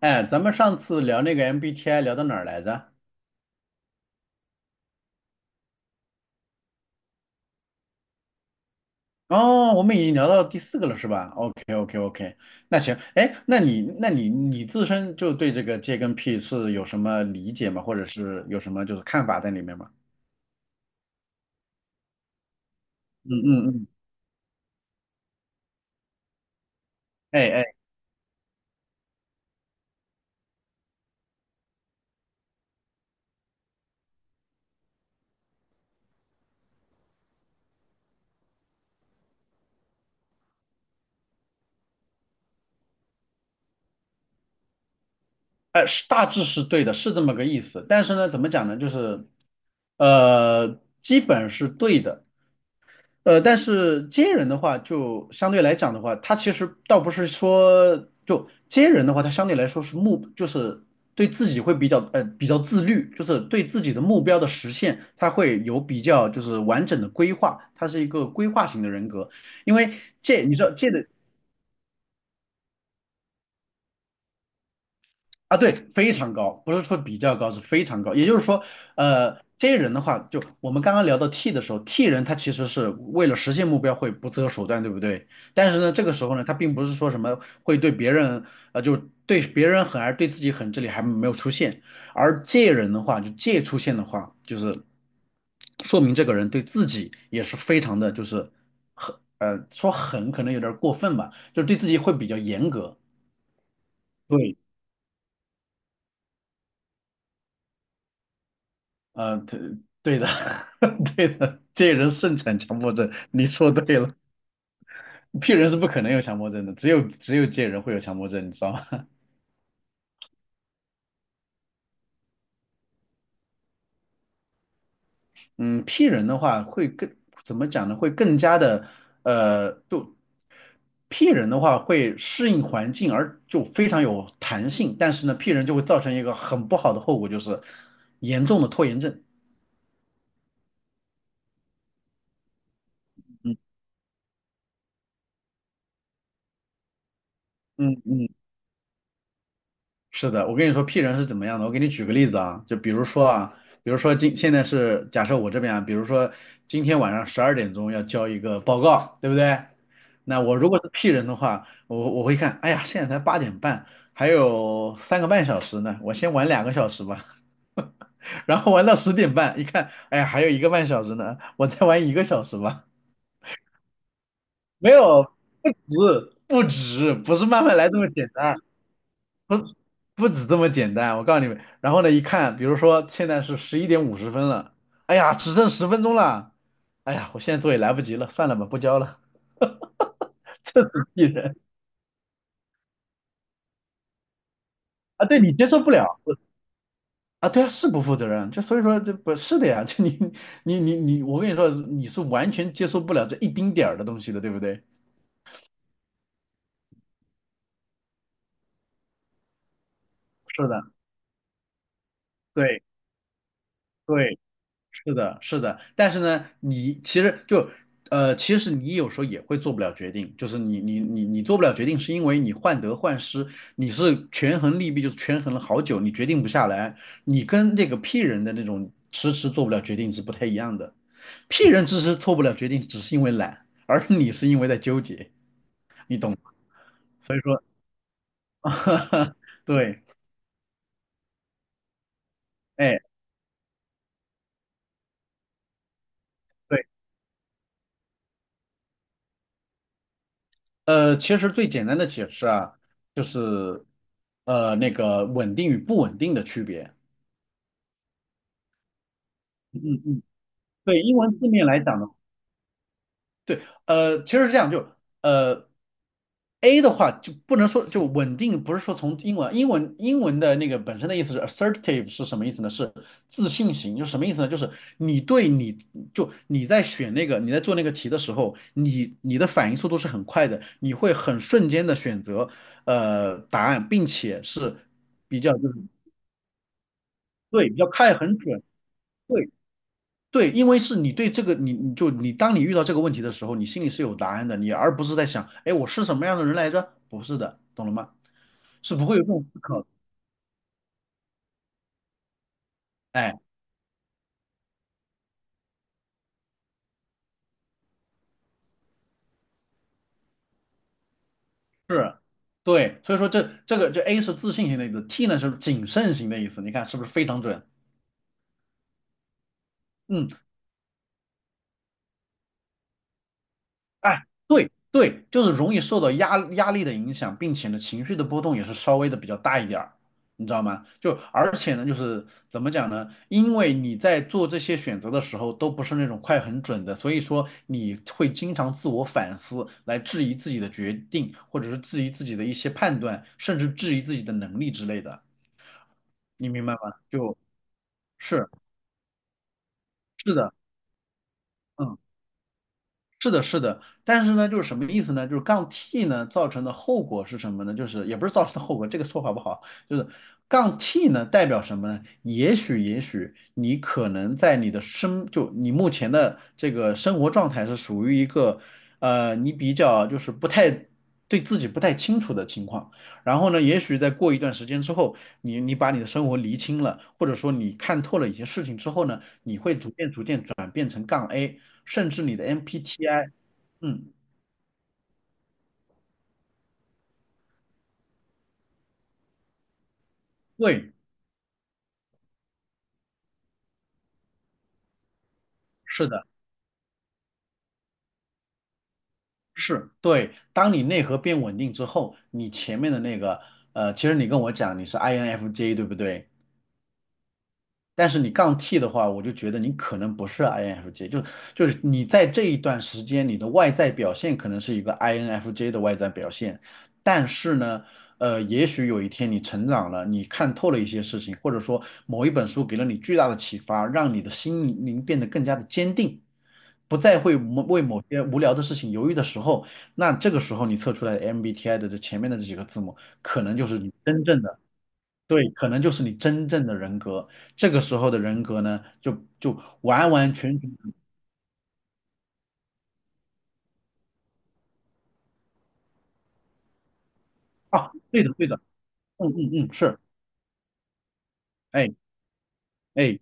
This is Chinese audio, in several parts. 哎，咱们上次聊那个 MBTI 聊到哪儿来着？哦，我们已经聊到第四个了，是吧？OK OK OK，那行，哎，那你那你你自身就对这个 J 跟 P 是有什么理解吗？或者是有什么就是看法在里面吗？嗯嗯嗯，哎哎哎，是大致是对的，是这么个意思。但是呢，怎么讲呢？就是基本是对的，但是接人的话，就相对来讲的话，他其实倒不是说就接人的话，他相对来说是目，就是对自己会比较自律，就是对自己的目标的实现，他会有比较就是完整的规划，他是一个规划型的人格。因为借你知道借的啊，对，非常高，不是说比较高，是非常高。也就是说，这些人的话，就我们刚刚聊到 T 的时候，T 人他其实是为了实现目标会不择手段，对不对？但是呢，这个时候呢，他并不是说什么会对别人，就对别人狠，而对自己狠，这里还没有出现。而借人的话，就借出现的话，就是说明这个人对自己也是非常的，就是很，说狠可能有点儿过分吧，就是对自己会比较严格。对，对对的，对的，借人盛产强迫症，你说对了。P 人是不可能有强迫症的，只有借人会有强迫症，你知道吗？嗯，P 人的话会更怎么讲呢？会更加的就 P 人的话会适应环境，而就非常有弹性。但是呢，P 人就会造成一个很不好的后果，就是严重的拖延症。嗯嗯嗯，是的，我跟你说 P 人是怎么样的，我给你举个例子啊，就比如说啊，比如说现在是假设我这边啊，比如说今天晚上十二点钟要交一个报告，对不对？那我如果是 P 人的话，我会看，哎呀，现在才八点半，还有三个半小时呢，我先玩两个小时吧，然后玩到十点半，一看，哎呀，还有一个半小时呢，我再玩一个小时吧。没有，不止，不止，不是慢慢来这么简单。不不止这么简单，我告诉你们。然后呢，一看，比如说现在是十一点五十分了，哎呀，只剩十分钟了，哎呀，我现在做也来不及了，算了吧，不交了，这是鄙人啊！对你接受不了啊，对啊，是不负责任，就所以说这不是的呀，就你，我跟你说，你是完全接受不了这一丁点儿的东西的，对不对？是的，对对。是的，是的，但是呢，你其实就其实你有时候也会做不了决定，就是你做不了决定，是因为你患得患失，你是权衡利弊，就是权衡了好久，你决定不下来，你跟这个 P 人的那种迟迟做不了决定是不太一样的，P 人迟迟做不了决定，只是因为懒，而你是因为在纠结，你懂吗所以说，对，哎。对。其实最简单的解释啊，就是那个稳定与不稳定的区别。嗯嗯，对，英文字面来讲的。对，其实是这样，就呃，A 的话就不能说就稳定，不是说从英文的那个本身的意思是 assertive 是什么意思呢？是自信型，就什么意思呢？就是你对你就你在选那个你在做那个题的时候，你的反应速度是很快的，你会很瞬间的选择答案，并且是比较就是对比较快很准。对。对，因为是你对这个，你你就你当你遇到这个问题的时候，你心里是有答案的，你而不是在想，哎，我是什么样的人来着？不是的，懂了吗？是不会有这种思考的，哎，是，对，所以说这A 是自信型的意思，T 呢是谨慎型的意思，你看是不是非常准？嗯。哎，对对，就是容易受到压力的影响，并且呢，情绪的波动也是稍微的比较大一点儿，你知道吗？就而且呢，就是怎么讲呢？因为你在做这些选择的时候都不是那种快很准的，所以说你会经常自我反思，来质疑自己的决定，或者是质疑自己的一些判断，甚至质疑自己的能力之类的，你明白吗？就是是的，嗯。是的，是的，但是呢，就是什么意思呢？就是杠 T 呢造成的后果是什么呢？就是也不是造成的后果，这个说法不好，就是杠 T 呢代表什么呢？也许，也许你可能在你的生，就你目前的这个生活状态是属于一个，你比较就是不太对自己不太清楚的情况，然后呢，也许在过一段时间之后，你把你的生活厘清了，或者说你看透了一些事情之后呢。你会逐渐逐渐转变成杠 A，甚至你的 MPTI，嗯，对，是的，是，对。当你内核变稳定之后，你前面的那个，其实你跟我讲你是 INFJ 对不对？但是你杠 T 的话，我就觉得你可能不是 INFJ，就是你在这一段时间，你的外在表现可能是一个 INFJ 的外在表现，但是呢，也许有一天你成长了，你看透了一些事情，或者说某一本书给了你巨大的启发，让你的心灵变得更加的坚定，不再会某些无聊的事情犹豫的时候，那这个时候你测出来的 MBTI 的这前面的这几个字母，可能就是你真正的。对，可能就是你真正的人格。这个时候的人格呢，就完完全全啊，对的，对的，嗯嗯嗯，是，哎哎，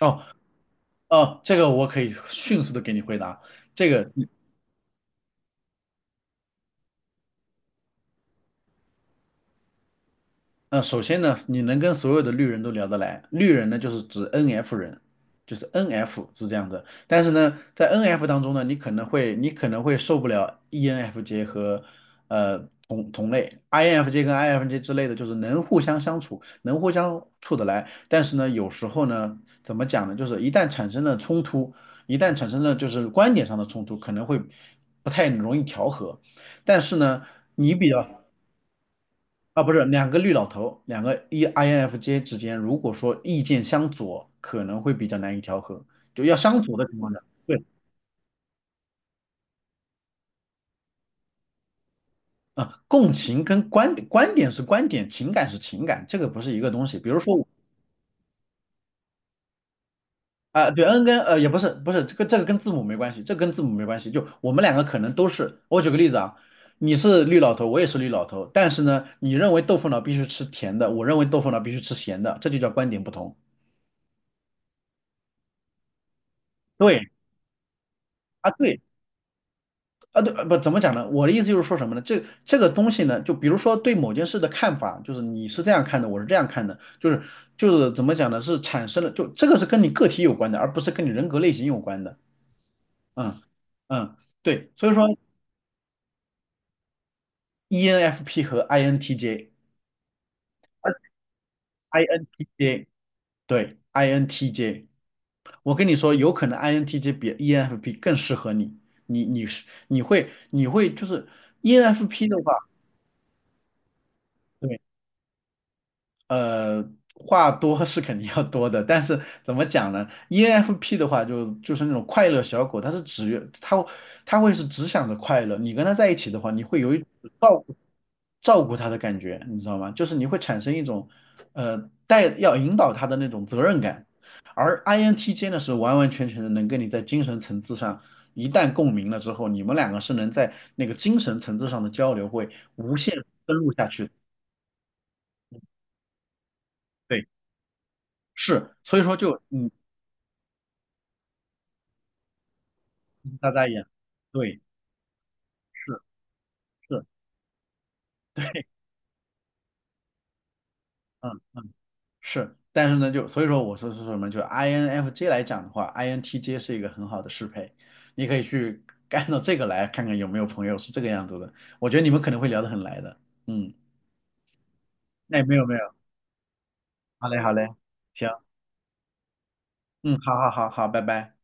哦哦，这个我可以迅速的给你回答。这个首先呢，你能跟所有的绿人都聊得来，绿人呢就是指 NF 人，就是 NF 是这样的。但是呢，在 NF 当中呢，你可能会受不了 ENFJ 和同类，INFJ 跟 INFJ 之类的，就是能互相相处，能互相处得来。但是呢，有时候呢，怎么讲呢，就是一旦产生了冲突，一旦产生了就是观点上的冲突，可能会不太容易调和。但是呢，你比较啊，不是两个绿老头，两个 E INFJ 之间，如果说意见相左，可能会比较难以调和，就要相左的情况下，对，啊，共情跟观点，观点是观点，情感是情感，这个不是一个东西。比如说我啊、对，N 跟也不是，不是这个跟字母没关系，这跟字母没关系，就我们两个可能都是，我举个例子啊，你是绿老头，我也是绿老头，但是呢，你认为豆腐脑必须吃甜的，我认为豆腐脑必须吃咸的，这就叫观点不同。对啊，对。啊，对，不怎么讲呢？我的意思就是说什么呢？这东西呢，就比如说对某件事的看法，就是你是这样看的，我是这样看的，就是怎么讲呢？是产生了，就这个是跟你个体有关的，而不是跟你人格类型有关的。嗯嗯，对，所以说 ENFP 和 INTJ，INTJ，对，INTJ，我跟你说，有可能 INTJ 比 ENFP 更适合你，你会就是 ENFP 的话。对呃，话多是肯定要多的，但是怎么讲呢？ENFP 的话就是那种快乐小狗，它会是只想着快乐。你跟它在一起的话，你会有一种照顾照顾它的感觉，你知道吗？就是你会产生一种要引导它的那种责任感。而 INTJ 呢是完完全全的能跟你在精神层次上一旦共鸣了之后，你们两个是能在那个精神层次上的交流会无限深入下去。对。是，所以说就你大大眼，对，是是，嗯嗯是，但是呢，就所以说我说是什么，就 INFJ 来讲的话，INTJ 是一个很好的适配，你可以去按照这个来看看有没有朋友是这个样子的，我觉得你们可能会聊得很来的，嗯，那没有没有，好嘞好嘞，行，嗯，好好好好，拜拜。